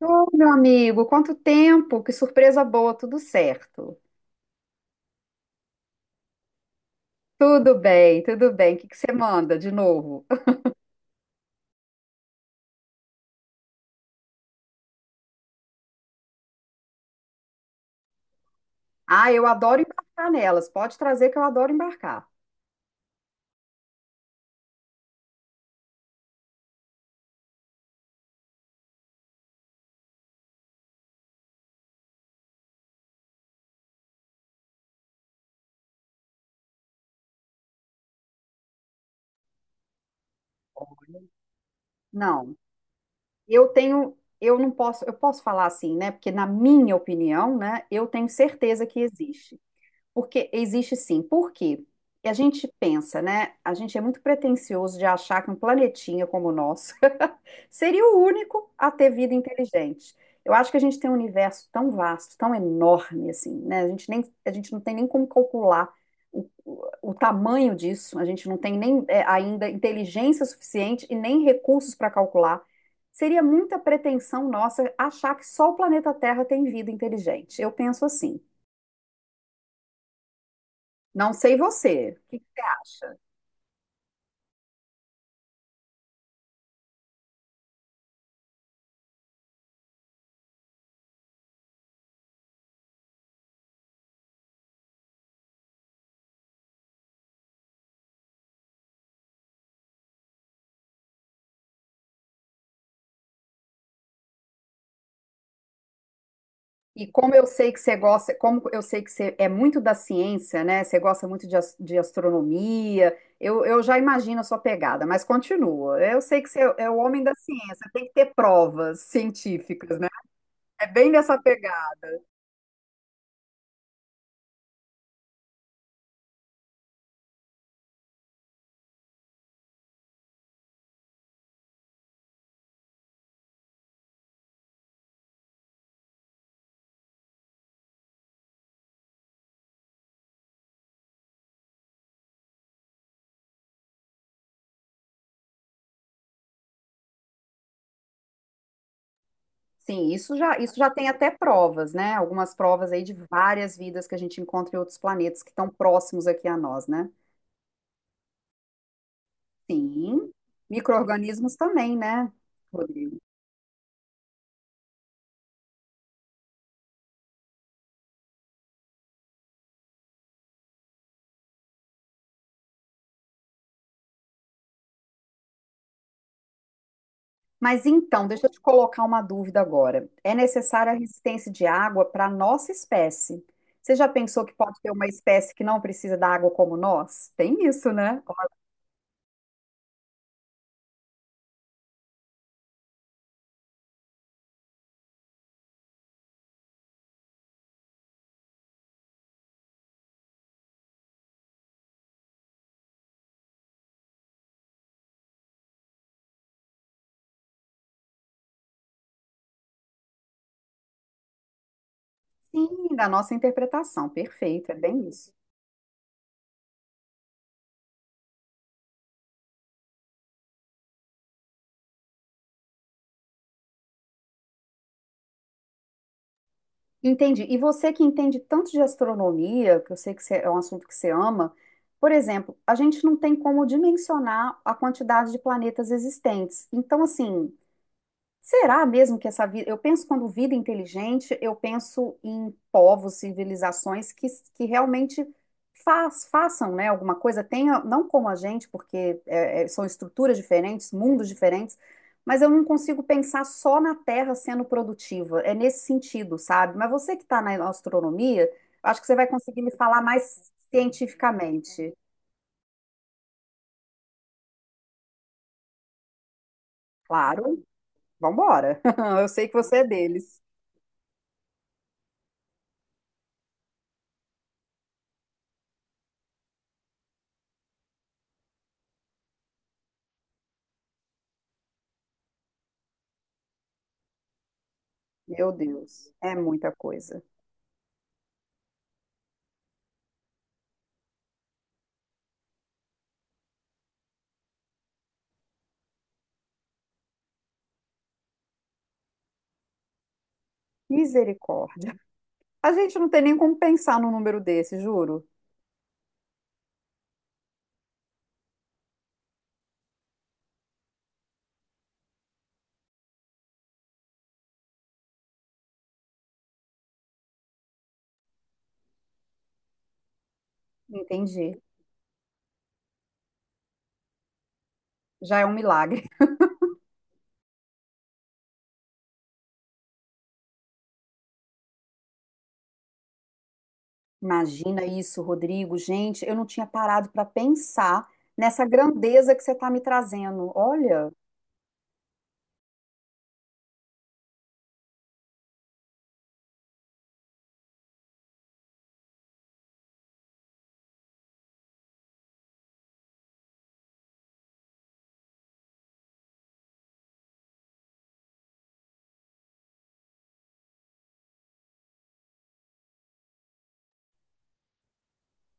Ô, meu amigo, quanto tempo! Que surpresa boa, tudo certo. Tudo bem, tudo bem. O que que você manda de novo? Ah, eu adoro embarcar nelas. Pode trazer que eu adoro embarcar. Não, eu não posso, eu posso falar assim, né? Porque na minha opinião, né, eu tenho certeza que existe. Porque existe sim. Por quê? E a gente pensa, né? A gente é muito pretensioso de achar que um planetinha como o nosso seria o único a ter vida inteligente. Eu acho que a gente tem um universo tão vasto, tão enorme assim, né? A gente não tem nem como calcular o tamanho disso. A gente não tem nem ainda inteligência suficiente e nem recursos para calcular. Seria muita pretensão nossa achar que só o planeta Terra tem vida inteligente. Eu penso assim. Não sei você, o que que você acha? E como eu sei que você gosta, como eu sei que você é muito da ciência, né? Você gosta muito de astronomia, eu já imagino a sua pegada, mas continua. Eu sei que você é o homem da ciência, tem que ter provas científicas, né? É bem nessa pegada. Sim, isso já tem até provas, né? Algumas provas aí de várias vidas que a gente encontra em outros planetas que estão próximos aqui a nós, né? Sim, micro-organismos também, né, Rodrigo? Mas então, deixa eu te colocar uma dúvida agora. É necessária a resistência de água para a nossa espécie. Você já pensou que pode ter uma espécie que não precisa da água como nós? Tem isso, né? Sim, da nossa interpretação. Perfeito, é bem isso. Entendi. E você que entende tanto de astronomia, que eu sei que você- é um assunto que você ama, por exemplo, a gente não tem como dimensionar a quantidade de planetas existentes. Então, assim, será mesmo que essa vida. Eu penso quando vida inteligente, eu penso em povos, civilizações que realmente façam, né, alguma coisa, tenha, não como a gente, porque são estruturas diferentes, mundos diferentes, mas eu não consigo pensar só na Terra sendo produtiva. É nesse sentido, sabe? Mas você que está na astronomia, acho que você vai conseguir me falar mais cientificamente. Claro, vambora. Eu sei que você é deles. Meu Deus, é muita coisa. Misericórdia. A gente não tem nem como pensar num número desse, juro. Entendi. Já é um milagre. Imagina isso, Rodrigo. Gente, eu não tinha parado para pensar nessa grandeza que você está me trazendo. Olha,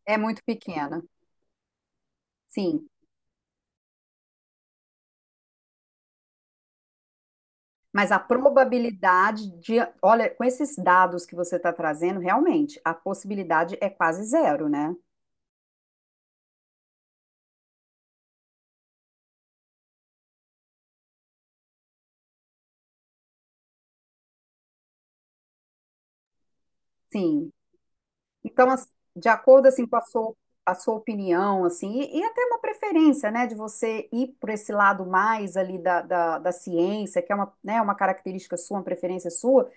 é muito pequena. Sim, mas a probabilidade de, olha, com esses dados que você está trazendo, realmente, a possibilidade é quase zero, né? Sim. Então, assim, de acordo assim com a sua opinião, assim, e até uma preferência, né, de você ir por esse lado mais ali da ciência, que é uma, né, uma característica sua, uma preferência sua,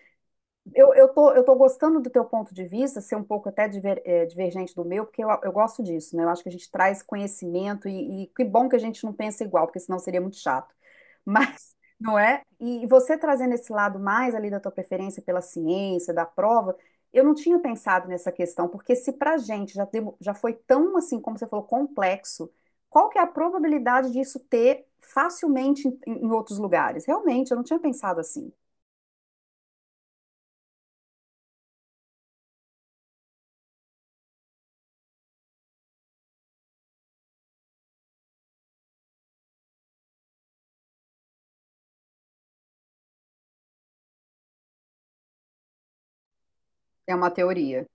eu tô gostando do teu ponto de vista, ser um pouco até divergente do meu, porque eu gosto disso, né? Eu acho que a gente traz conhecimento e que bom que a gente não pensa igual, porque senão seria muito chato. Mas, não é? E você trazendo esse lado mais ali da tua preferência pela ciência, da prova, eu não tinha pensado nessa questão, porque se pra gente já foi tão, assim, como você falou, complexo, qual que é a probabilidade disso ter facilmente em outros lugares? Realmente, eu não tinha pensado assim. É uma teoria.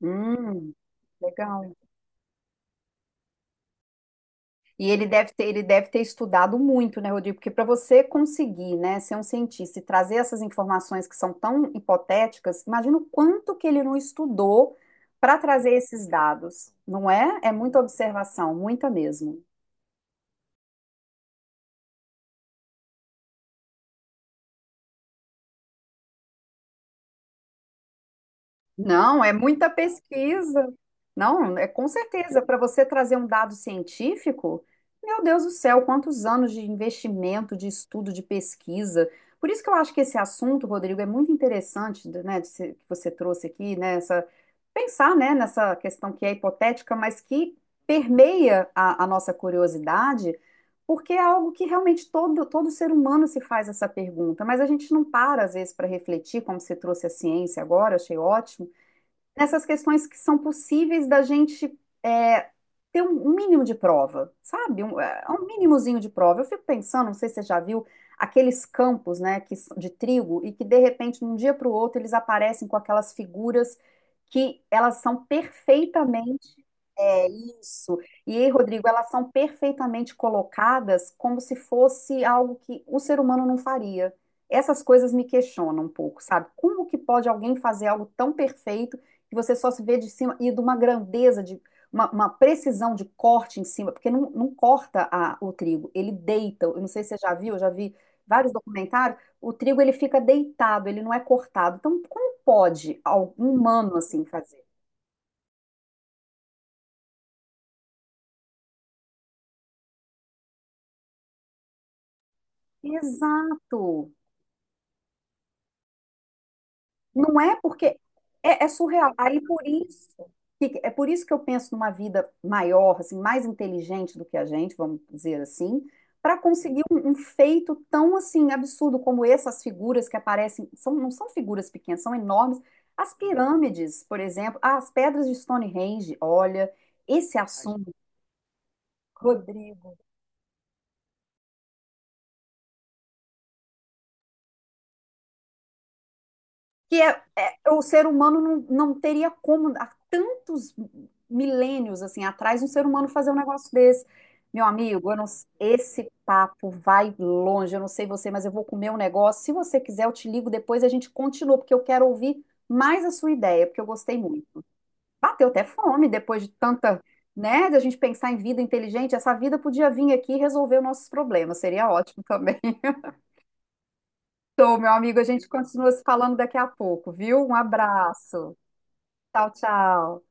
Hum, legal. Ele deve ter estudado muito, né, Rodrigo? Porque para você conseguir, né, ser um cientista e trazer essas informações que são tão hipotéticas, imagina o quanto que ele não estudou para trazer esses dados, não é? É muita observação, muita mesmo. Não, é muita pesquisa. Não, é com certeza. Para você trazer um dado científico, meu Deus do céu, quantos anos de investimento, de estudo, de pesquisa. Por isso que eu acho que esse assunto, Rodrigo, é muito interessante, né, de se- que você trouxe aqui, né, essa- pensar, né, nessa questão que é hipotética, mas que permeia a nossa curiosidade, porque é algo que realmente todo ser humano se faz essa pergunta, mas a gente não para, às vezes, para refletir, como você trouxe a ciência agora, achei ótimo nessas questões que são possíveis da gente é, ter um mínimo de prova, sabe? Um mínimozinho de prova. Eu fico pensando, não sei se você já viu, aqueles campos, né, que, s- de trigo e que de repente, de um dia para o outro, eles aparecem com aquelas figuras que elas são perfeitamente. É isso. E aí, Rodrigo, elas são perfeitamente colocadas como se fosse algo que o ser humano não faria. Essas coisas me questionam um pouco, sabe? Como que pode alguém fazer algo tão perfeito? Que você só se vê de cima e de uma grandeza, de uma precisão de corte em cima, porque não corta a- o trigo, ele deita. Eu não sei se você já viu, eu já vi vários documentários, o trigo ele fica deitado, ele não é cortado. Então, como pode algum humano assim fazer? Exato. Não é porque é, é surreal. Aí por isso que- É por isso que eu penso numa vida maior, assim, mais inteligente do que a gente, vamos dizer assim, para conseguir um feito tão assim absurdo como essas figuras que aparecem, são, não são figuras pequenas, são enormes. As pirâmides, por exemplo, ah, as pedras de Stonehenge, olha, esse assunto, Rodrigo. Que é, é- o ser humano não teria como, há tantos milênios assim atrás, um ser humano fazer um negócio desse. Meu amigo, eu não- esse papo vai longe, eu não sei você, mas eu vou comer um negócio. Se você quiser, eu te ligo depois e a gente continua, porque eu quero ouvir mais a sua ideia, porque eu gostei muito. Bateu até fome depois de tanta, né, da gente pensar em vida inteligente. Essa vida podia vir aqui e resolver os nossos problemas, seria ótimo também. Então, meu amigo, a gente continua se falando daqui a pouco, viu? Um abraço. Tchau, tchau.